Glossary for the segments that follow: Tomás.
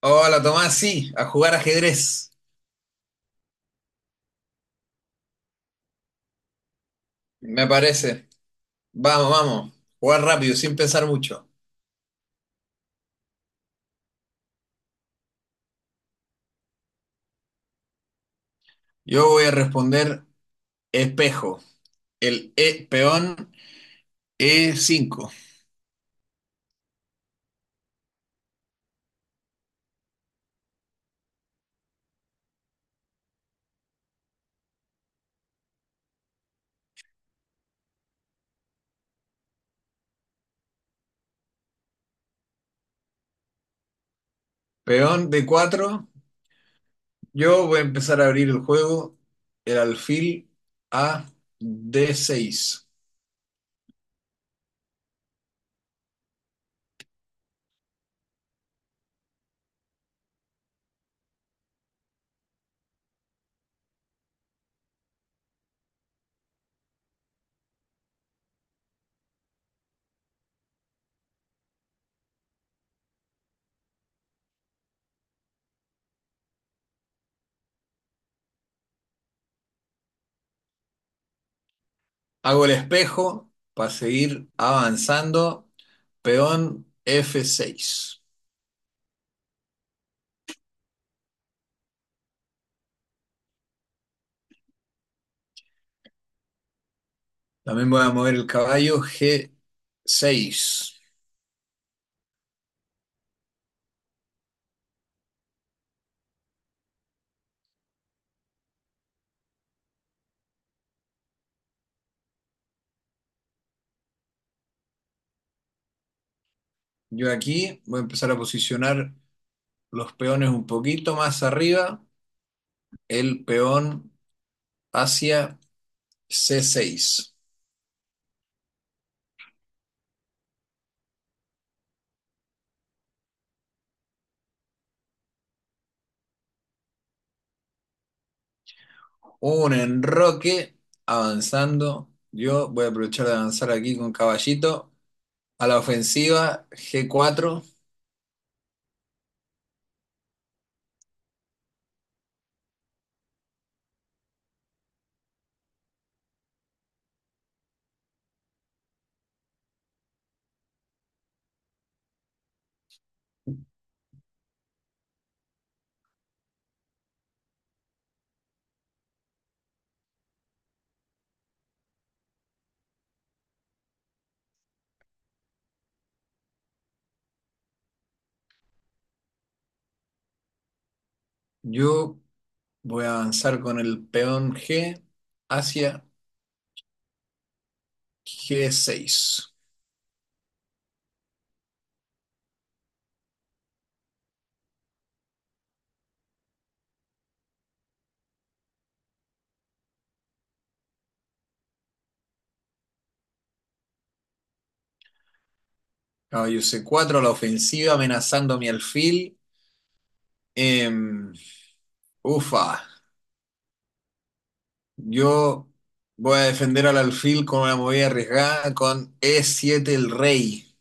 Hola Tomás, sí, a jugar ajedrez, me parece. Vamos, vamos, jugar rápido, sin pensar mucho. Yo voy a responder espejo, el e, peón E5, peón D4. Yo voy a empezar a abrir el juego, el alfil a D6. Hago el espejo para seguir avanzando, peón F6. También voy a mover el caballo G6. Yo aquí voy a empezar a posicionar los peones un poquito más arriba, el peón hacia C6. Un enroque avanzando. Yo voy a aprovechar de avanzar aquí con caballito. A la ofensiva, G4. Yo voy a avanzar con el peón G hacia G6. Caballo C4 a la ofensiva, amenazando a mi alfil. Em, ufa. Yo voy a defender al alfil con una movida arriesgada con E7 el rey.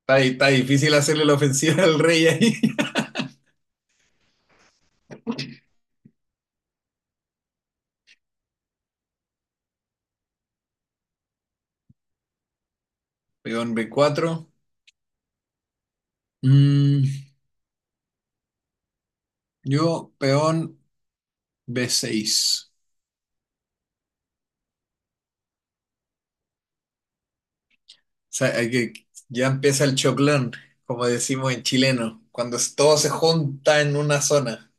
Está difícil hacerle la ofensiva al rey ahí. Peón B4. Mm, yo, peón B6. O sea, hay que, ya empieza el choclón, como decimos en chileno, cuando todo se junta en una zona.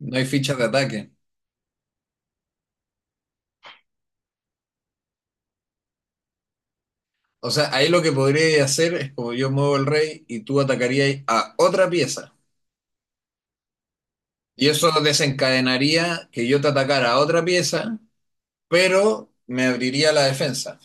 No hay fichas de ataque. O sea, ahí lo que podría hacer es como yo muevo el rey y tú atacarías a otra pieza. Y eso desencadenaría que yo te atacara a otra pieza, pero me abriría la defensa.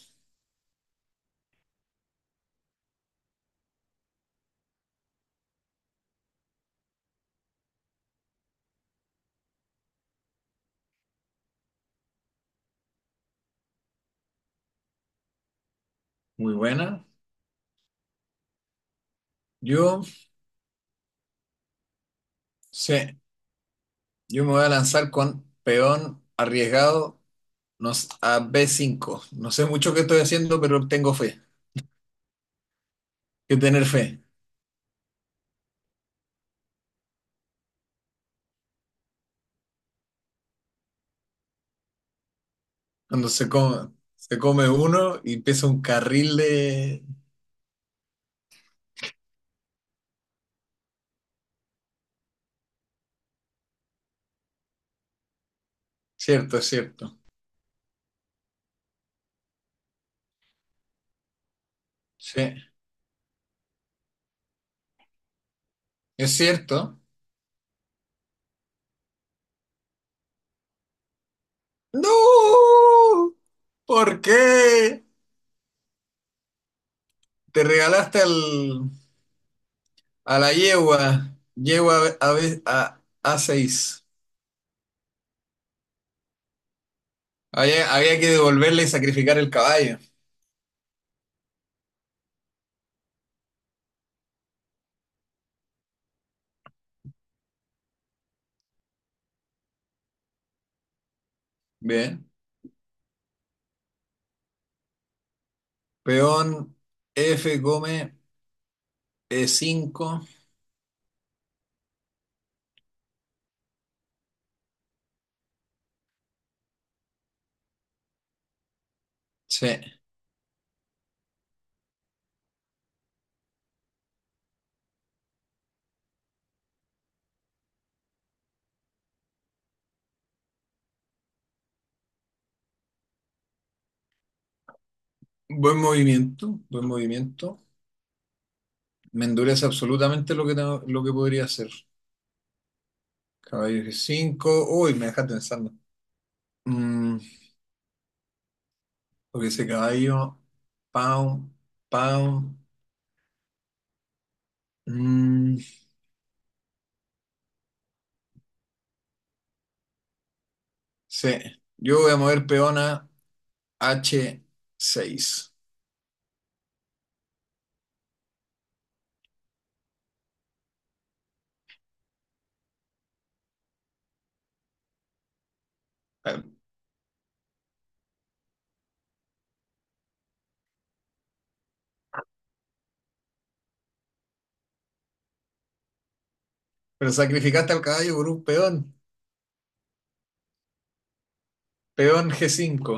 Muy buena. Yo, sí, yo me voy a lanzar con peón arriesgado a B5. No sé mucho qué estoy haciendo, pero tengo fe. Hay que tener fe. Cuando se come uno y empieza un carril de... Cierto, es cierto. Sí, es cierto. ¡No! ¿Por qué? Te regalaste al... A la yegua, yegua a, a seis. Había que devolverle y sacrificar el caballo. Bien. Peón F come e cinco. Sí. Buen movimiento. Me endurece absolutamente lo que, lo que podría hacer. Caballo f cinco. Uy, me dejaste pensando. Mm, porque ese caballo. Pound pound Mm, sí. Yo voy a mover peón a h seis. Pero sacrificaste al caballo por un peón. Peón g cinco.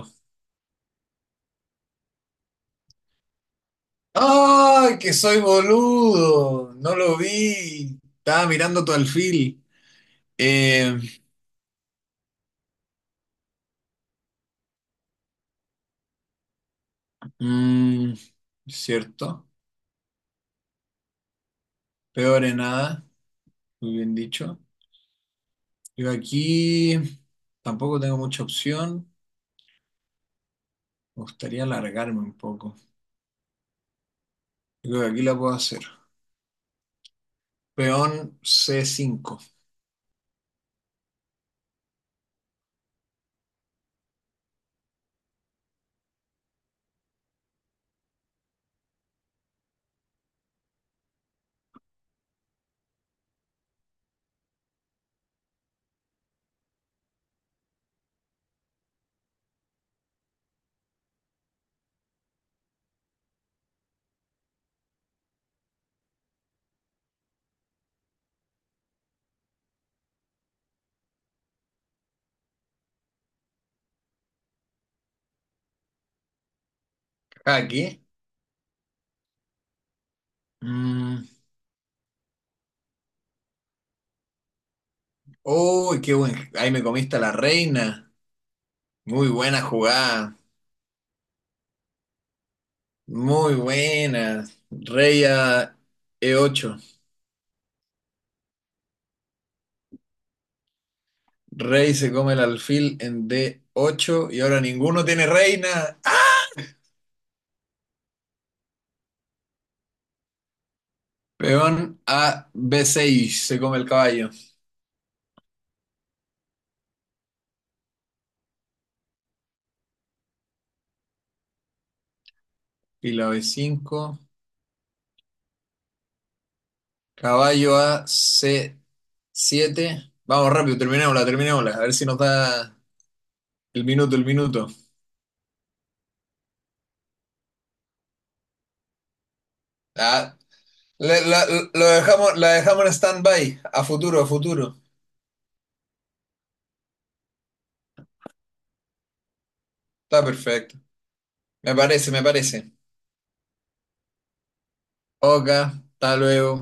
¡Ay, que soy boludo! No lo vi. Estaba mirando tu alfil. Eh, mm, cierto. Peor en nada. Muy bien dicho. Yo aquí tampoco tengo mucha opción. Me gustaría alargarme un poco. Yo creo que aquí la puedo hacer. Peón c cinco aquí. Mm, ¡uy, qué buen! Ahí me comiste a la reina. Muy buena jugada. Muy buenas. Rey a E8. Rey se come el alfil en D8 y ahora ninguno tiene reina. Peón a B6, se come el caballo. Fila B5. Caballo a C7. Vamos rápido, terminémosla. A ver si nos da el minuto. Ah, le- la, lo dejamos, la dejamos en stand-by. A futuro. Está perfecto. Me parece. Oka, hasta luego.